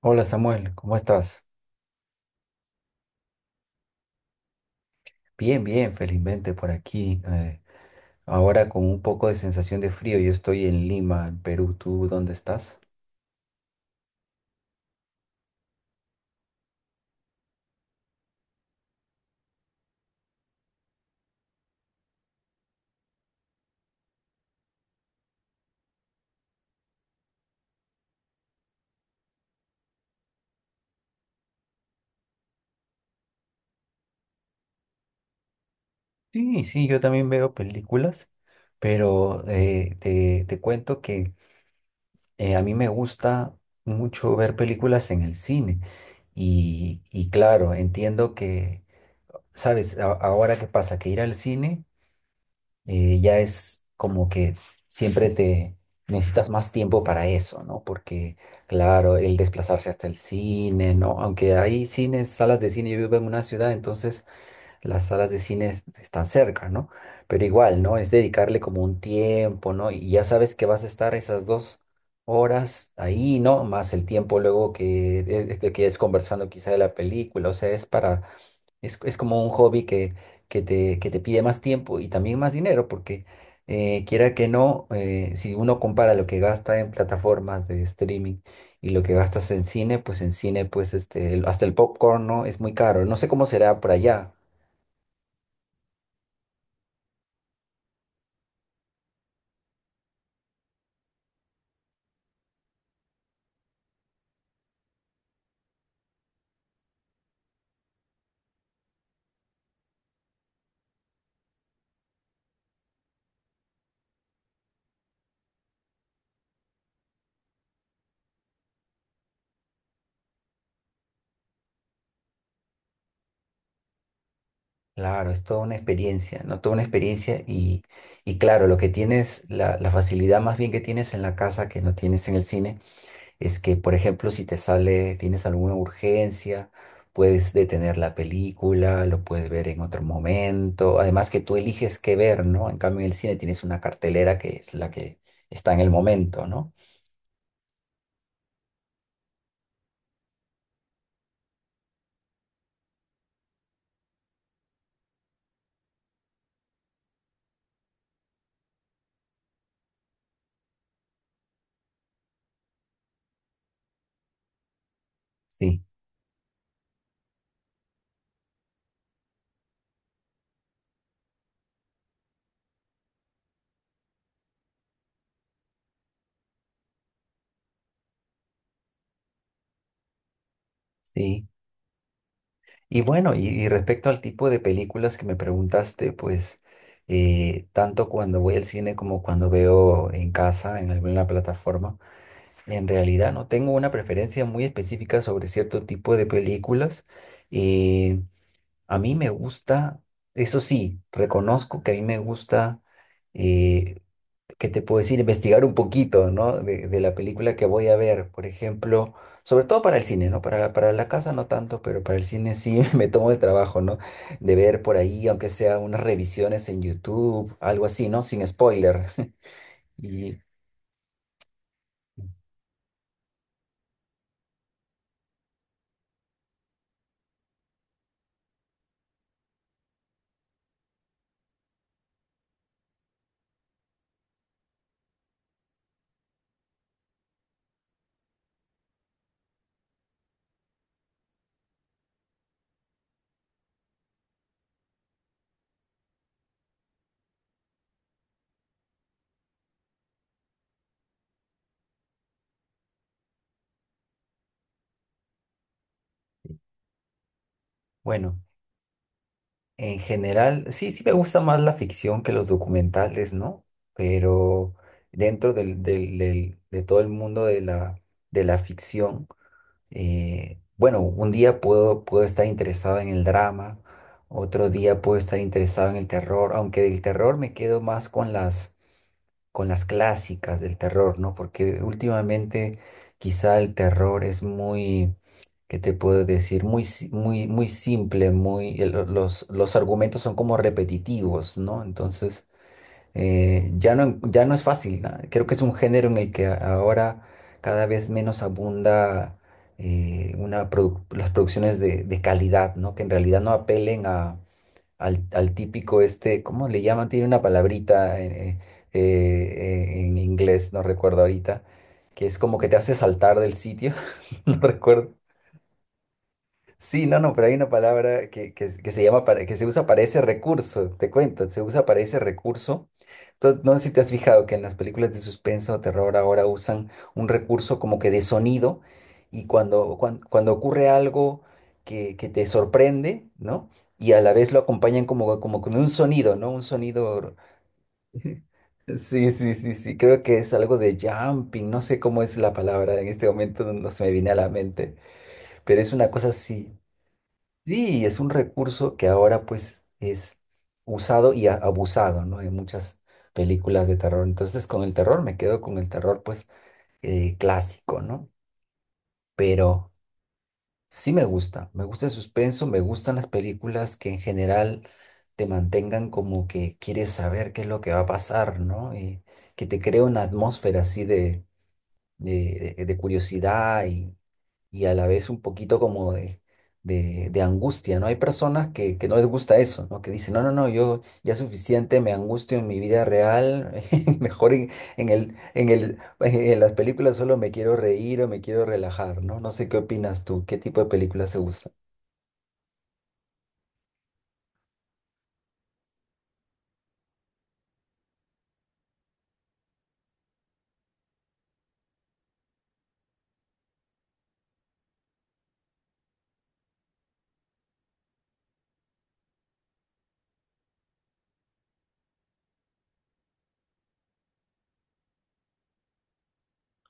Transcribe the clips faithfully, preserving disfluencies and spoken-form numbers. Hola Samuel, ¿cómo estás? Bien, bien, felizmente por aquí. Eh, ahora con un poco de sensación de frío, yo estoy en Lima, en Perú. ¿Tú dónde estás? Sí, sí, yo también veo películas, pero eh, te, te cuento que eh, a mí me gusta mucho ver películas en el cine. Y, y claro, entiendo que, ¿sabes? A- ahora qué pasa, que ir al cine eh, ya es como que siempre te necesitas más tiempo para eso, ¿no? Porque, claro, el desplazarse hasta el cine, ¿no? Aunque hay cines, salas de cine, yo vivo en una ciudad, entonces las salas de cine es- están cerca, ¿no? Pero igual, ¿no? Es dedicarle como un tiempo, ¿no? Y ya sabes que vas a estar esas dos horas ahí, ¿no? Más el tiempo luego que, eh, que es conversando quizá de la película, o sea, es para es, es como un hobby que, que te, que te pide más tiempo y también más dinero, porque eh, quiera que no, eh, si uno compara lo que gasta en plataformas de streaming y lo que gastas en cine, pues en cine, pues este, el- hasta el popcorn, ¿no? Es muy caro. No sé cómo será por allá. Claro, es toda una experiencia, ¿no? Toda una experiencia y, y claro, lo que tienes, la, la facilidad más bien que tienes en la casa que no tienes en el cine es que, por ejemplo, si te sale, tienes alguna urgencia, puedes detener la película, lo puedes ver en otro momento. Además que tú eliges qué ver, ¿no? En cambio, en el cine tienes una cartelera que es la que está en el momento, ¿no? Sí, sí. Y bueno, y, y respecto al tipo de películas que me preguntaste, pues eh, tanto cuando voy al cine como cuando veo en casa, en alguna plataforma, en realidad no tengo una preferencia muy específica sobre cierto tipo de películas. Eh, A mí me gusta, eso sí, reconozco que a mí me gusta, eh, ¿qué te puedo decir? Investigar un poquito, ¿no? De, de la película que voy a ver, por ejemplo, sobre todo para el cine, ¿no? Para, la- para la casa no tanto, pero para el cine sí me tomo el trabajo, ¿no? De ver por ahí, aunque sea unas revisiones en YouTube, algo así, ¿no? Sin spoiler. Y bueno. En general, sí, sí me gusta más la ficción que los documentales, ¿no? Pero dentro del, del- del- de todo el mundo de la, de la ficción, eh, bueno, un día puedo, puedo estar interesado en el drama, otro día puedo estar interesado en el terror, aunque del terror me quedo más con las con las clásicas del terror, ¿no? Porque últimamente quizá el terror es muy, ¿qué te puedo decir? Muy, si- muy, muy simple, muy, el- los, los argumentos son como repetitivos, ¿no? Entonces, eh, ya no, ya no es fácil, ¿no? Creo que es un género en el que a- ahora cada vez menos abunda eh, una produ- las producciones de, de calidad, ¿no? Que en realidad no apelen a al, al típico este, ¿cómo le llaman? Tiene una palabrita eh, eh, eh, en inglés, no recuerdo ahorita, que es como que te hace saltar del sitio, no recuerdo. Sí, no, no, pero hay una palabra que, que, que se llama, para- que se usa para ese recurso, te cuento, se usa para ese recurso. To- no sé si te has fijado que en las películas de suspenso o terror ahora usan un recurso como que de sonido y cuando, cuan- cuando ocurre algo que, que te sorprende, ¿no? Y a la vez lo acompañan como, como con un sonido, ¿no? Un sonido. Sí, sí, sí, sí, creo que es algo de jumping, no sé cómo es la palabra en este momento, no no se me viene a la mente, pero es una cosa así. Sí, es un recurso que ahora pues es usado y a- abusado, ¿no? En muchas películas de terror. Entonces con el terror me quedo con el terror pues eh, clásico, ¿no? Pero sí me gusta, me gusta el suspenso, me gustan las películas que en general te mantengan como que quieres saber qué es lo que va a pasar, ¿no? Y que te crea una atmósfera así de, de, de- de curiosidad y a la vez un poquito como de, de, de angustia, ¿no? Hay personas que, que no les gusta eso, ¿no? Que dicen, no, no, no, yo ya es suficiente, me angustio en mi vida real, mejor en, en el, en el, en las películas solo me quiero reír o me quiero relajar, ¿no? No sé qué opinas tú, ¿qué tipo de películas te gustan?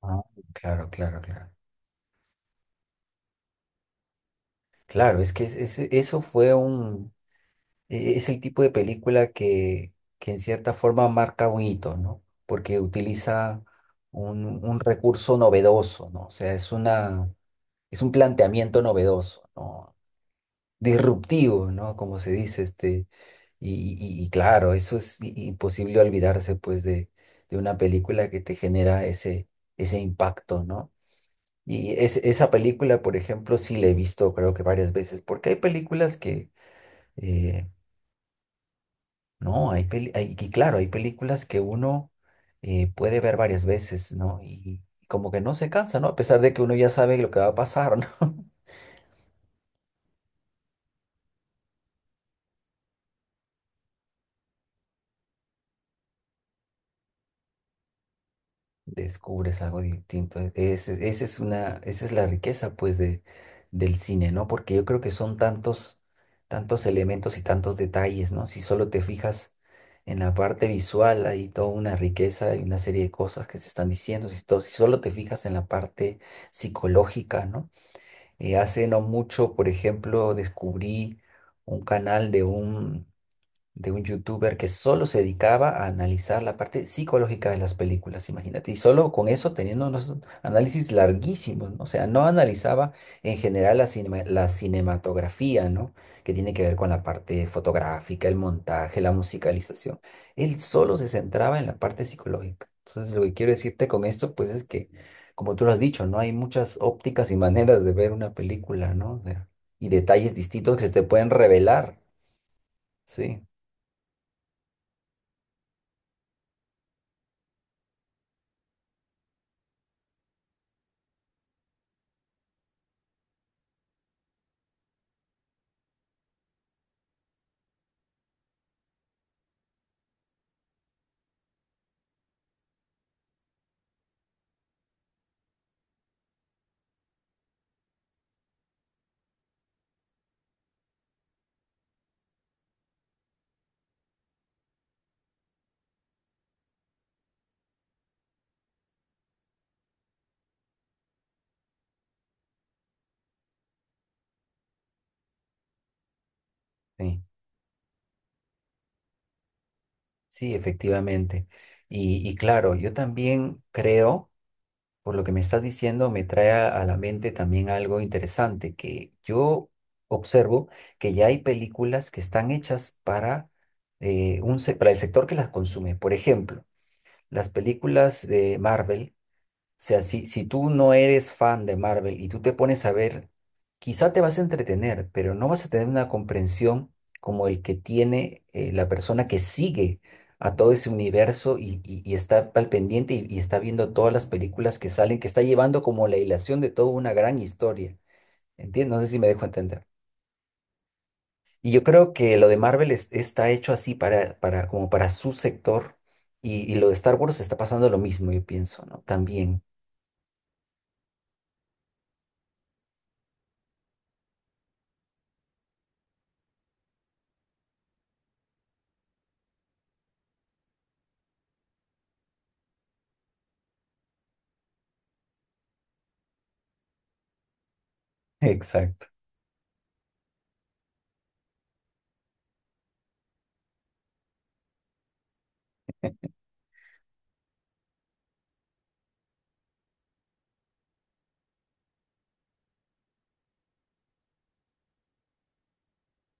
Ah, claro, claro, claro. Claro, es que es- es- eso fue un, eh, es el tipo de película que, que en cierta forma marca un hito, ¿no? Porque utiliza un, un recurso novedoso, ¿no? O sea, es una, es un planteamiento novedoso, ¿no? Disruptivo, ¿no? Como se dice, este. Y, y- y claro, eso es i- imposible olvidarse, pues, de, de una película que te genera ese, ese impacto, ¿no? Y es- esa película, por ejemplo, sí la he visto, creo que varias veces, porque hay películas que, eh, no, hay peli- hay- y claro, hay películas que uno eh, puede ver varias veces, ¿no? Y, como que no se cansa, ¿no? A pesar de que uno ya sabe lo que va a pasar, ¿no? Descubres algo distinto. E- ese- esa es una, esa es la riqueza, pues, de, del cine, ¿no? Porque yo creo que son tantos, tantos elementos y tantos detalles, ¿no? Si solo te fijas en la parte visual, hay toda una riqueza y una serie de cosas que se están diciendo. Si, to- si solo te fijas en la parte psicológica, ¿no? Eh, hace no mucho, por ejemplo, descubrí un canal de un, de un youtuber que solo se dedicaba a analizar la parte psicológica de las películas, imagínate, y solo con eso teniendo unos análisis larguísimos, ¿no? O sea, no analizaba en general la cinema- la cinematografía, ¿no? Que tiene que ver con la parte fotográfica, el montaje, la musicalización. Él solo se centraba en la parte psicológica. Entonces, lo que quiero decirte con esto, pues es que, como tú lo has dicho, ¿no? Hay muchas ópticas y maneras de ver una película, ¿no? O sea, y detalles distintos que se te pueden revelar, sí. Sí. Sí, efectivamente. Y, y claro, yo también creo, por lo que me estás diciendo, me trae a a la mente también algo interesante, que yo observo que ya hay películas que están hechas para, eh, un, se- para el sector que las consume. Por ejemplo, las películas de Marvel sea, si, si tú no eres fan de Marvel y tú te pones a ver, quizá te vas a entretener, pero no vas a tener una comprensión como el que tiene eh, la persona que sigue a todo ese universo y, y- y está al pendiente y, y está viendo todas las películas que salen, que está llevando como la hilación de toda una gran historia. ¿Entiendes? No sé si me dejo entender. Y yo creo que lo de Marvel es- está hecho así para, para, como para su sector y, y lo de Star Wars está pasando lo mismo, yo pienso, ¿no? También. Exacto.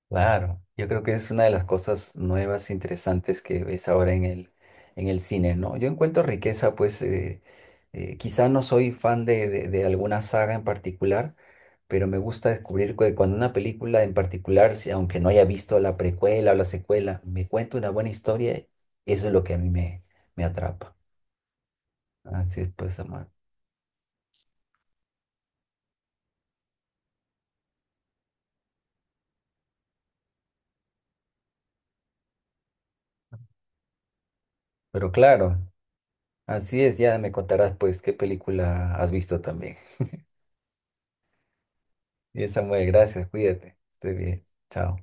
Claro, yo creo que es una de las cosas nuevas, interesantes que ves ahora en el, en el cine, ¿no? Yo encuentro riqueza, pues eh, eh, quizá no soy fan de, de- de alguna saga en particular, pero me gusta descubrir que cuando una película en particular, si- aunque no haya visto la precuela o la secuela, me cuenta una buena historia, eso es lo que a mí me, me atrapa. Así es, pues, amor. Pero claro, así es, ya me contarás, pues, qué película has visto también. Bien, Samuel, gracias, cuídate, estés bien, chao.